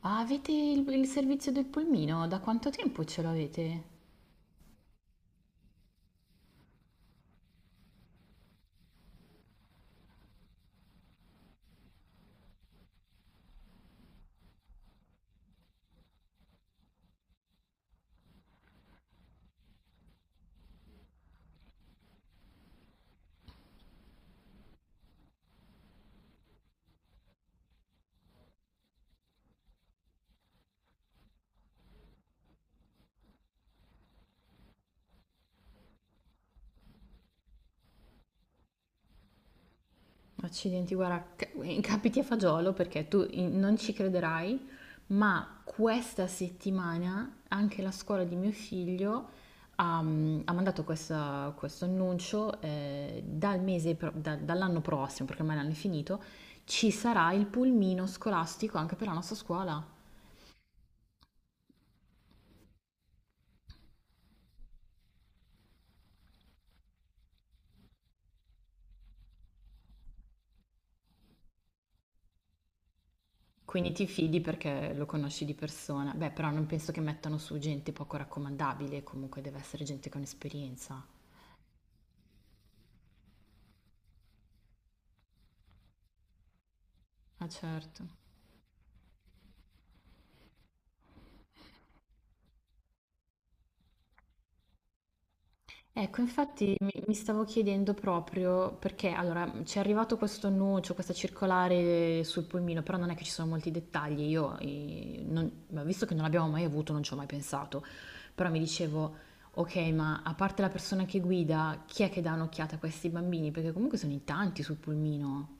Ah, avete il servizio del pulmino? Da quanto tempo ce l'avete? Accidenti, guarda, capiti a fagiolo perché tu non ci crederai, ma questa settimana anche la scuola di mio figlio ha mandato questo annuncio dall'anno prossimo, perché ormai l'anno è finito, ci sarà il pulmino scolastico anche per la nostra scuola. Quindi ti fidi perché lo conosci di persona. Beh, però non penso che mettano su gente poco raccomandabile, comunque deve essere gente con esperienza. Ah, certo. Ecco, infatti mi stavo chiedendo proprio perché, allora, ci è arrivato questo annuncio, questa circolare sul pulmino, però non è che ci sono molti dettagli. Io, ma visto che non l'abbiamo mai avuto, non ci ho mai pensato, però mi dicevo, ok, ma a parte la persona che guida, chi è che dà un'occhiata a questi bambini? Perché comunque sono in tanti sul pulmino.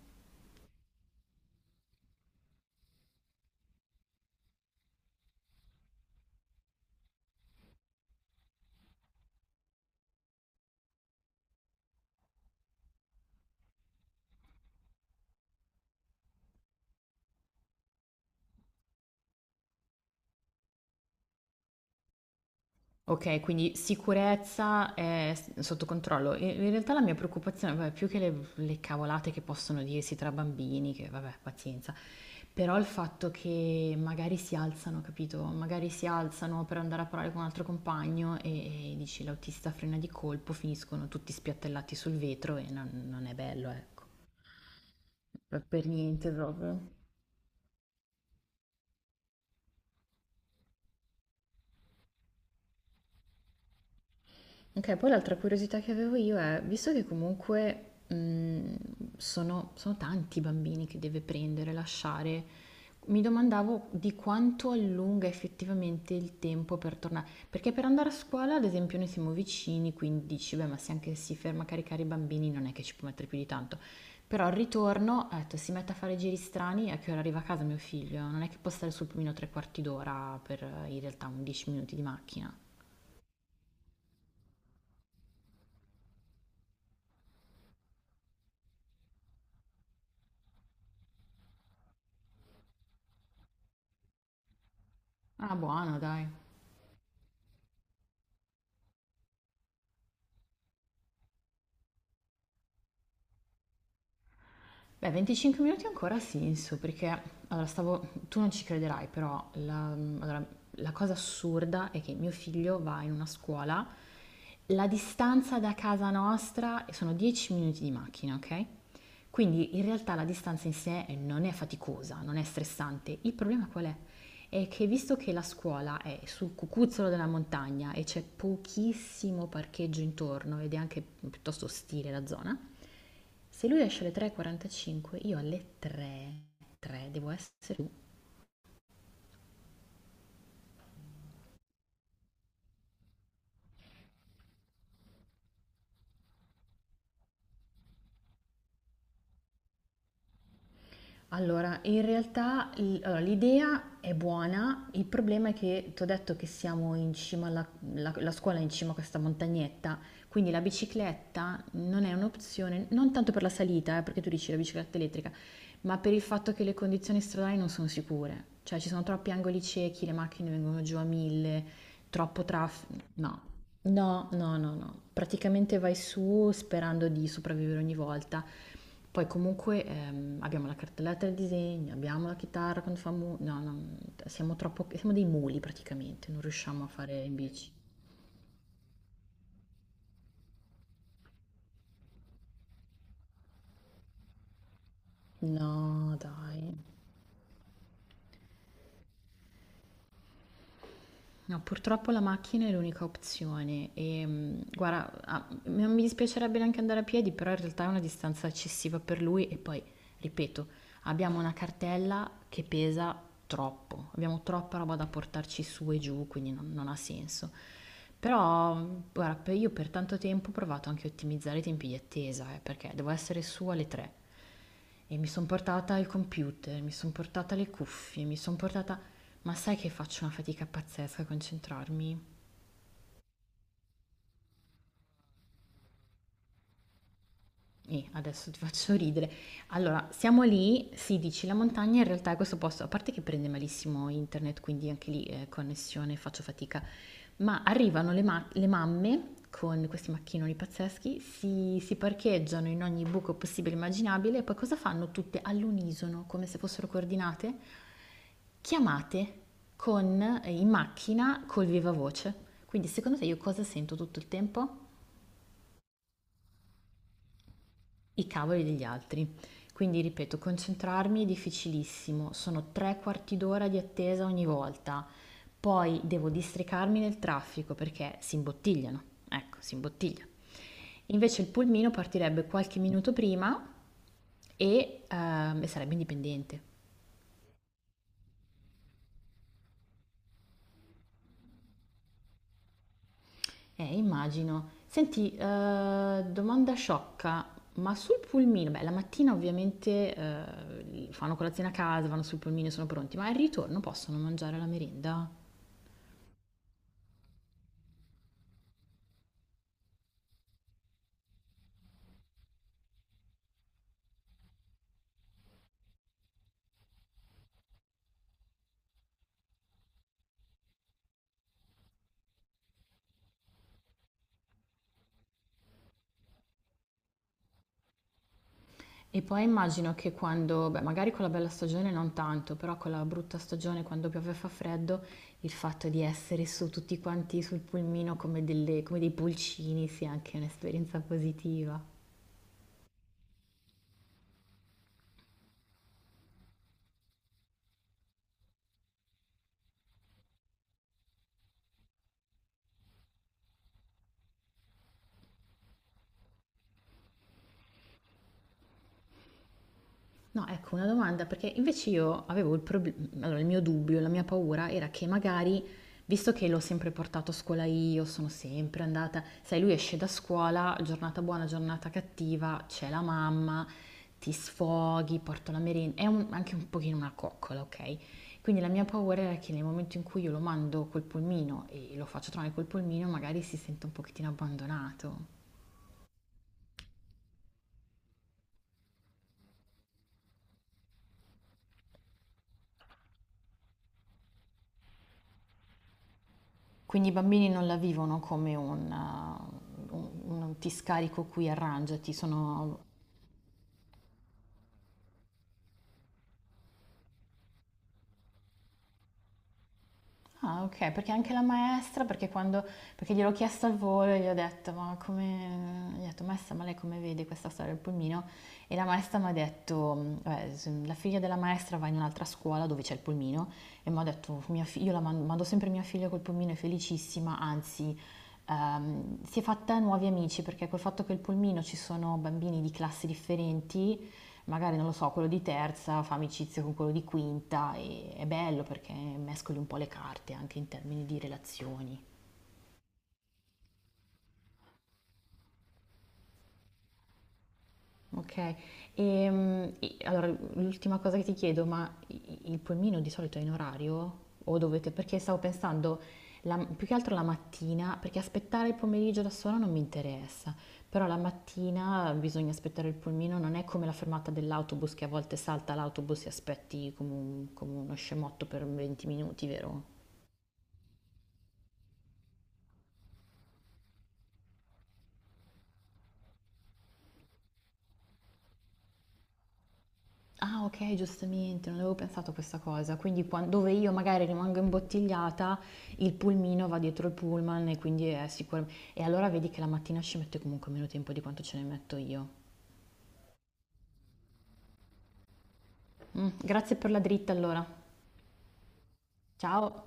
Ok, quindi sicurezza è sotto controllo. In realtà la mia preoccupazione, vabbè, più che le cavolate che possono dirsi tra bambini, che vabbè, pazienza, però il fatto che magari si alzano, capito? Magari si alzano per andare a parlare con un altro compagno e dici l'autista frena di colpo, finiscono tutti spiattellati sul vetro e non è bello, ecco. Per niente proprio. Ok, poi l'altra curiosità che avevo io è, visto che comunque sono tanti i bambini che deve prendere, lasciare, mi domandavo di quanto allunga effettivamente il tempo per tornare. Perché per andare a scuola, ad esempio, noi siamo vicini, quindi dici, beh, ma se anche si ferma a caricare i bambini non è che ci può mettere più di tanto. Però al ritorno, ho detto, si mette a fare giri strani, a che ora arriva a casa mio figlio? Non è che può stare sul pulmino tre quarti d'ora per in realtà un 10 minuti di macchina. Ah, buono, dai. Beh, 25 minuti ancora ha senso, perché allora stavo, tu non ci crederai, però la, allora, la cosa assurda è che mio figlio va in una scuola, la distanza da casa nostra sono 10 minuti di macchina, ok? Quindi in realtà la distanza in sé non è faticosa, non è stressante. Il problema qual è? È che visto che la scuola è sul cucuzzolo della montagna e c'è pochissimo parcheggio intorno ed è anche piuttosto ostile la zona, se lui esce alle 3:45, io alle 3, 3 devo essere giù. Allora, in realtà allora, l'idea è buona, il problema è che ti ho detto che siamo in cima la scuola è in cima a questa montagnetta, quindi la bicicletta non è un'opzione, non tanto per la salita, perché tu dici la bicicletta elettrica, ma per il fatto che le condizioni stradali non sono sicure, cioè ci sono troppi angoli ciechi, le macchine vengono giù a mille, troppo traffico, no, no, no, no, no. Praticamente vai su sperando di sopravvivere ogni volta. Poi comunque abbiamo la cartelletta del disegno, abbiamo la chitarra quando fa no, no, siamo dei muli praticamente, non riusciamo a fare in bici. No, dai. No, purtroppo la macchina è l'unica opzione e guarda, ah, non mi dispiacerebbe neanche andare a piedi, però in realtà è una distanza eccessiva per lui e poi, ripeto, abbiamo una cartella che pesa troppo, abbiamo troppa roba da portarci su e giù, quindi non ha senso. Però, guarda, io per tanto tempo ho provato anche a ottimizzare i tempi di attesa, perché devo essere su alle 3 e mi sono portata il computer, mi sono portata le cuffie, mi sono portata. Ma sai che faccio una fatica pazzesca a concentrarmi? E adesso ti faccio ridere. Allora, siamo lì, sì, dici la montagna, in realtà è questo posto, a parte che prende malissimo internet, quindi anche lì connessione, faccio fatica, ma arrivano le mamme con questi macchinoni pazzeschi, si parcheggiano in ogni buco possibile e immaginabile e poi cosa fanno tutte all'unisono, come se fossero coordinate? Chiamate in macchina col viva voce. Quindi secondo te io cosa sento tutto il tempo? I cavoli degli altri. Quindi ripeto, concentrarmi è difficilissimo, sono tre quarti d'ora di attesa ogni volta. Poi devo districarmi nel traffico perché si imbottigliano. Ecco, si imbottiglia. Invece il pulmino partirebbe qualche minuto prima e sarebbe indipendente. Immagino. Senti, domanda sciocca, ma sul pulmino, beh, la mattina ovviamente fanno colazione a casa, vanno sul pulmino e sono pronti, ma al ritorno possono mangiare la merenda? E poi immagino che quando, beh, magari con la bella stagione non tanto, però con la brutta stagione, quando piove e fa freddo, il fatto di essere su tutti quanti sul pulmino come come dei pulcini sia anche un'esperienza positiva. No, ecco una domanda, perché invece io avevo il problema, allora il mio dubbio, la mia paura era che magari, visto che l'ho sempre portato a scuola io, sono sempre andata, sai, lui esce da scuola, giornata buona, giornata cattiva, c'è la mamma, ti sfoghi, porto la merenda, è anche un pochino una coccola, ok? Quindi la mia paura era che nel momento in cui io lo mando col pulmino e lo faccio trovare col pulmino, magari si sente un pochettino abbandonato. Quindi i bambini non la vivono come un ti scarico qui, arrangiati, sono. Ah, ok, perché anche la maestra, perché quando, perché gliel'ho chiesto al volo e gli ho detto, ma come, gli ho detto, maestra, ma lei come vede questa storia del pulmino? E la maestra mi ha detto: "Mm, vabbè, la figlia della maestra va in un'altra scuola dove c'è il pulmino e mi ha detto, io la mando, mando sempre mia figlia col pulmino, è felicissima, anzi, si è fatta nuovi amici perché col fatto che il pulmino ci sono bambini di classi differenti. Magari, non lo so, quello di terza fa amicizia con quello di quinta e è bello perché mescoli un po' le carte anche in termini di relazioni." Ok. E allora l'ultima cosa che ti chiedo, ma il pulmino di solito è in orario? O dovete, perché stavo pensando più che altro la mattina, perché aspettare il pomeriggio da sola non mi interessa, però la mattina bisogna aspettare il pulmino, non è come la fermata dell'autobus che a volte salta l'autobus e aspetti come, come uno scemotto per 20 minuti, vero? Ah, ok, giustamente, non avevo pensato a questa cosa. Quindi dove io magari rimango imbottigliata, il pulmino va dietro il pullman e quindi è sicuro. E allora vedi che la mattina ci mette comunque meno tempo di quanto ce ne metto io. Mm, grazie per la dritta allora. Ciao.